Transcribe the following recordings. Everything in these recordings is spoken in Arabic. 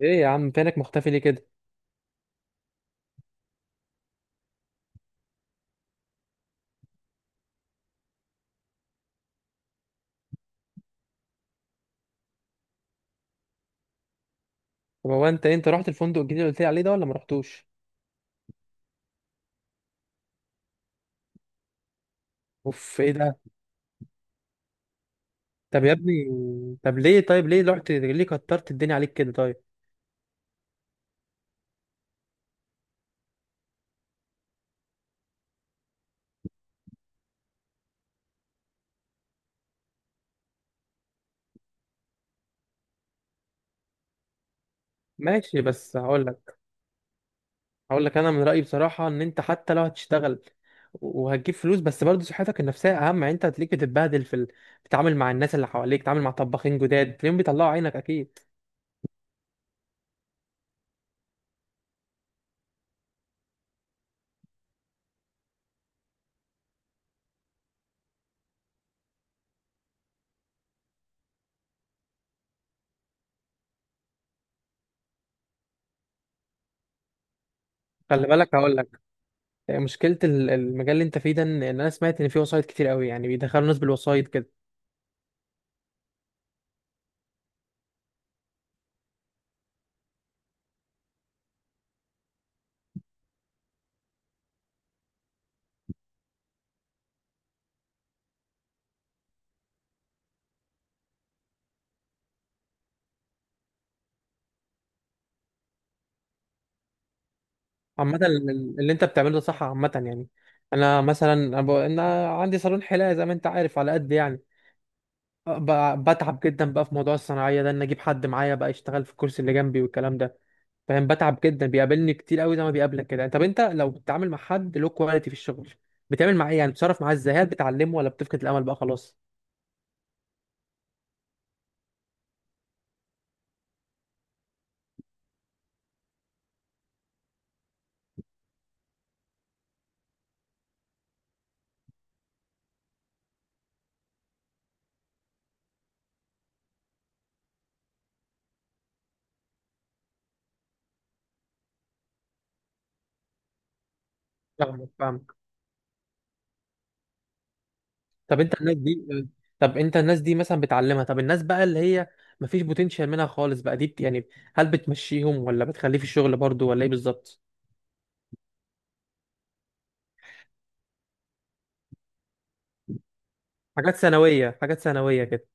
ايه يا عم، فينك مختفي ليه كده؟ طب هو انت رحت الفندق الجديد اللي قلت لي عليه ده ولا ما رحتوش؟ اوف، ايه ده؟ طب يا ابني، طب ليه طيب ليه رحت ليه كترت الدنيا عليك كده؟ طيب ماشي، بس هقول لك انا من رايي بصراحه ان انت حتى لو هتشتغل وهتجيب فلوس، بس برضه صحتك النفسيه اهم. يعني انت هتلاقيك بتتبهدل بتتعامل مع الناس اللي حواليك، بتتعامل مع طباخين جداد تلاقيهم بيطلعوا عينك اكيد. خلي بالك، هقول لك، مشكله المجال اللي انت فيه ده، إن انا سمعت ان فيه وسايط كتير قوي، يعني بيدخلوا ناس بالوسايط كده. عامة، اللي انت بتعمله ده صح عامة، يعني انا مثلا، انا عندي صالون حلاقة زي ما انت عارف، على قد يعني. بتعب جدا بقى في موضوع الصناعية ده، ان اجيب حد معايا بقى يشتغل في الكرسي اللي جنبي والكلام ده. فاهم؟ بتعب جدا، بيقابلني كتير قوي زي ما بيقابلك كده. طب انت لو بتتعامل مع حد له كواليتي في الشغل، بتعمل معاه ايه؟ يعني بتتصرف معاه ازاي؟ هل بتعلمه ولا بتفقد الامل بقى خلاص؟ فاهمك. طب انت الناس دي، مثلا بتعلمها؟ طب الناس بقى اللي هي مفيش بوتنشال منها خالص بقى، يعني هل بتمشيهم ولا بتخليه في الشغل برضو ولا ايه بالظبط؟ حاجات ثانويه، حاجات ثانويه كده.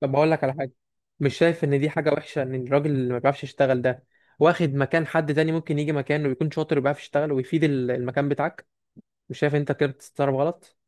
طب هقول لك على حاجه، مش شايف ان دي حاجه وحشه؟ ان الراجل اللي ما بيعرفش يشتغل ده واخد مكان حد تاني ممكن يجي مكانه ويكون شاطر وبيعرف يشتغل ويفيد المكان بتاعك. مش شايف انت كده بتتصرف غلط؟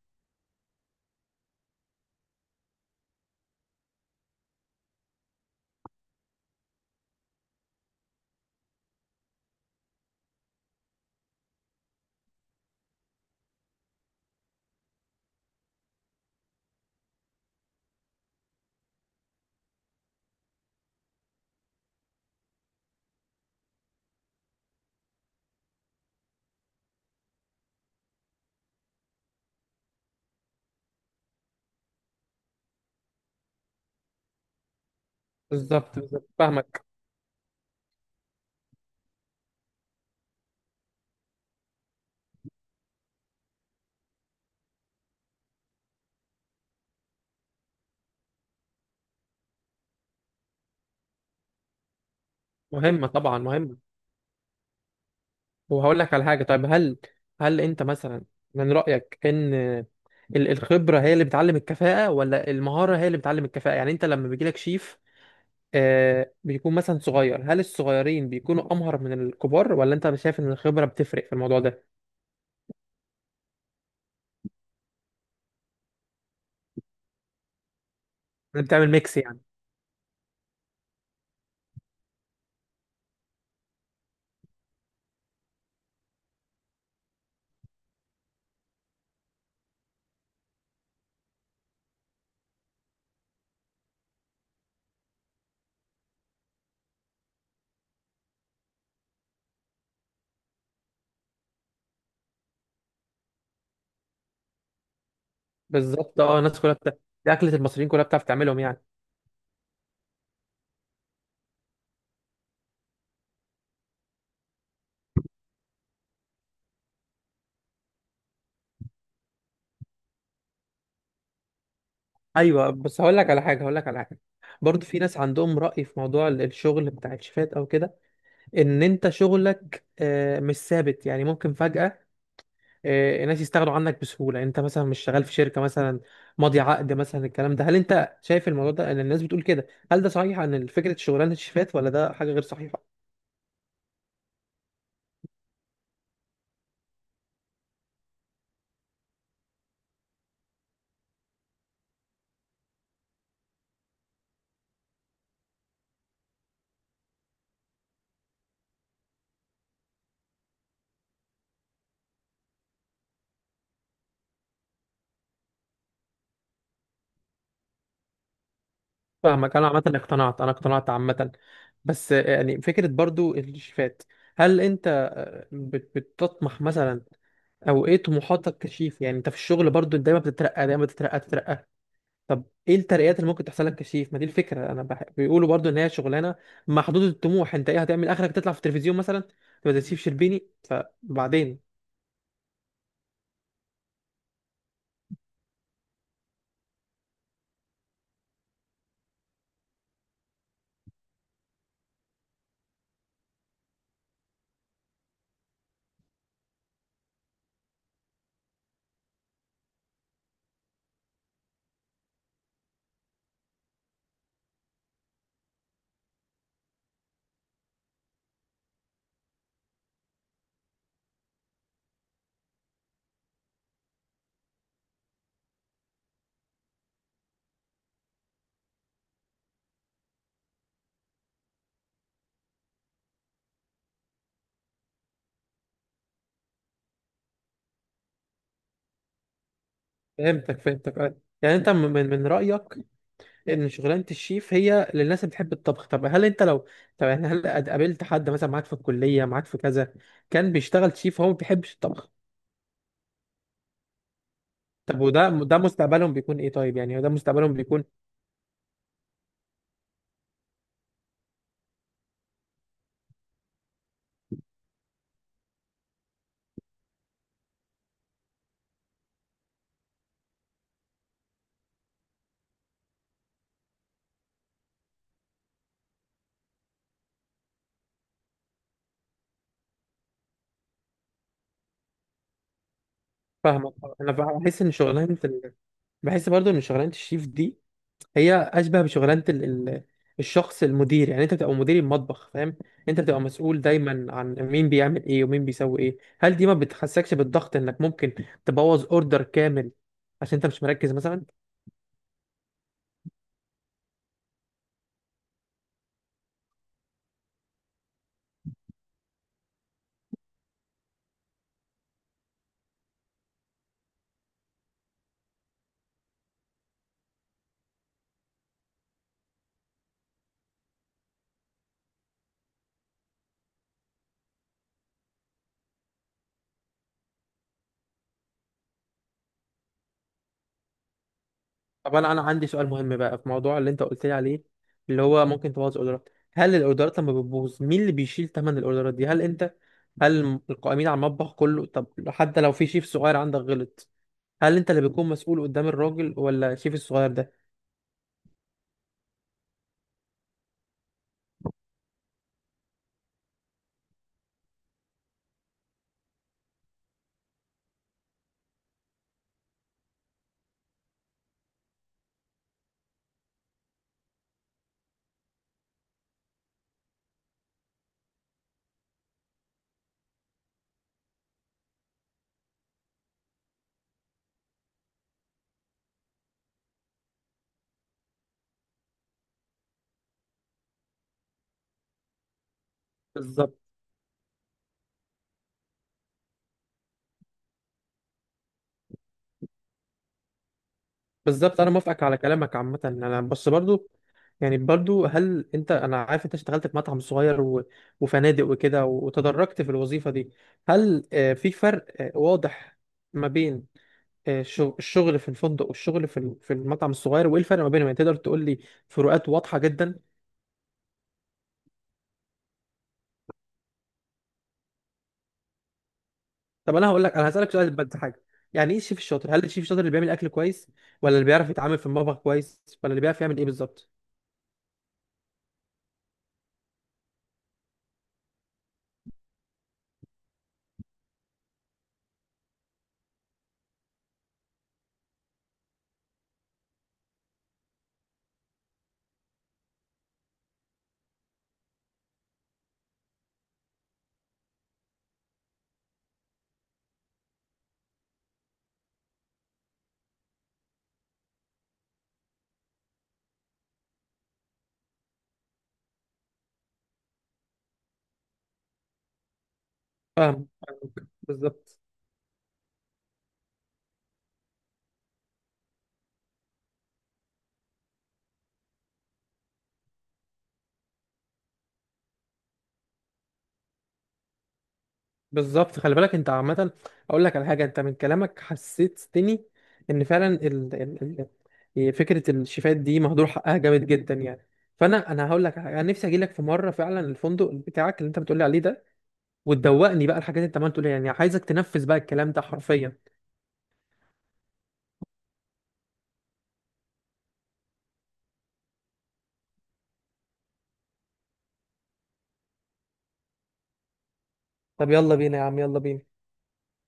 بالظبط، بالظبط، فاهمك. مهمه طبعا، مهمه. وهقول لك على حاجة. طيب هل أنت مثلا، من رأيك إن الخبرة هي اللي بتعلم الكفاءة ولا المهارة هي اللي بتعلم الكفاءة؟ يعني أنت لما بيجيلك شيف، بيكون مثلا صغير، هل الصغيرين بيكونوا أمهر من الكبار ولا أنت شايف إن الخبرة بتفرق في الموضوع ده؟ أنت بتعمل ميكس يعني؟ بالظبط. أه، الناس كلها دي أكلة المصريين كلها بتعرف تعملهم يعني. أيوه، بس هقول لك على حاجة. برضه في ناس عندهم رأي في موضوع الشغل بتاع الشيفات أو كده، إن أنت شغلك مش ثابت، يعني ممكن فجأة ناس يستغنوا عنك بسهولة. يعني انت مثلا مش شغال في شركة مثلا ماضي عقد مثلا الكلام ده. هل انت شايف الموضوع ده، ان الناس بتقول كده، هل ده صحيح عن فكرة شغلانة الشيفات ولا ده حاجة غير صحيحة؟ فاهمك. انا عامة اقتنعت، انا اقتنعت عامة. بس يعني فكرة برضو الشيفات، هل انت بتطمح مثلا، او ايه طموحاتك كشيف؟ يعني انت في الشغل برضو دايما بتترقى، دايما بتترقى. طب ايه الترقيات اللي ممكن تحصل لك كشيف؟ ما دي الفكره، انا بيقولوا برضو ان هي شغلانه محدوده الطموح. انت ايه هتعمل اخرك، تطلع في التلفزيون مثلا تبقى زي شيف شربيني فبعدين؟ فهمتك. يعني انت من رايك ان شغلانه الشيف هي للناس اللي بتحب الطبخ؟ طب هل انت لو، طب يعني هل قابلت حد مثلا معاك في الكليه، معاك في كذا، كان بيشتغل شيف هو ما بيحبش الطبخ؟ طب ده مستقبلهم بيكون ايه طيب؟ يعني ده مستقبلهم بيكون. فاهمك آه. انا بحس ان شغلانه بحس برضو ان شغلانه الشيف دي هي اشبه بشغلانه الشخص المدير. يعني انت بتبقى مدير المطبخ، فاهم؟ انت بتبقى مسؤول دايما عن مين بيعمل ايه ومين بيسوي ايه. هل دي ما بتحسكش بالضغط انك ممكن تبوظ اوردر كامل عشان انت مش مركز مثلا؟ طب انا عندي سؤال مهم بقى في موضوع اللي انت قلت لي عليه، اللي هو ممكن تبوظ اوردرات. هل الاوردرات لما بتبوظ مين اللي بيشيل ثمن الاوردرات دي؟ هل انت، هل القائمين على المطبخ كله؟ طب حتى لو في شيف صغير عندك غلط، هل انت اللي بتكون مسؤول قدام الراجل ولا الشيف الصغير ده؟ بالظبط. بالظبط انا موافقك على كلامك عامه. انا بس برضو يعني برضو، هل انت، انا عارف انت اشتغلت في مطعم صغير و... وفنادق وكده، وتدرجت في الوظيفه دي. هل في فرق واضح ما بين الشغل في الفندق والشغل في المطعم الصغير؟ وايه الفرق ما بينهم يعني؟ تقدر تقول لي فروقات واضحه جدا؟ طب انا هقول لك انا هسالك سؤال، بس حاجه. يعني ايه الشيف الشاطر؟ هل الشيف الشاطر اللي بيعمل اكل كويس ولا اللي بيعرف يتعامل في المطبخ كويس ولا اللي بيعرف يعمل ايه بالظبط؟ فاهمك. بالظبط. بالظبط خلي بالك انت عامة، اقول لك على حاجة، انت من كلامك حسستني ان فعلا فكرة الشيفات دي مهدور حقها جامد جدا يعني. فانا هقول لك على حاجة. انا نفسي اجي لك في مرة فعلا الفندق بتاعك اللي انت بتقولي عليه ده، وتدوقني بقى الحاجات اللي انت عمال تقولي، يعني عايزك تنفذ بقى الكلام ده حرفيا. طب يلا بينا يا عم، يلا بينا.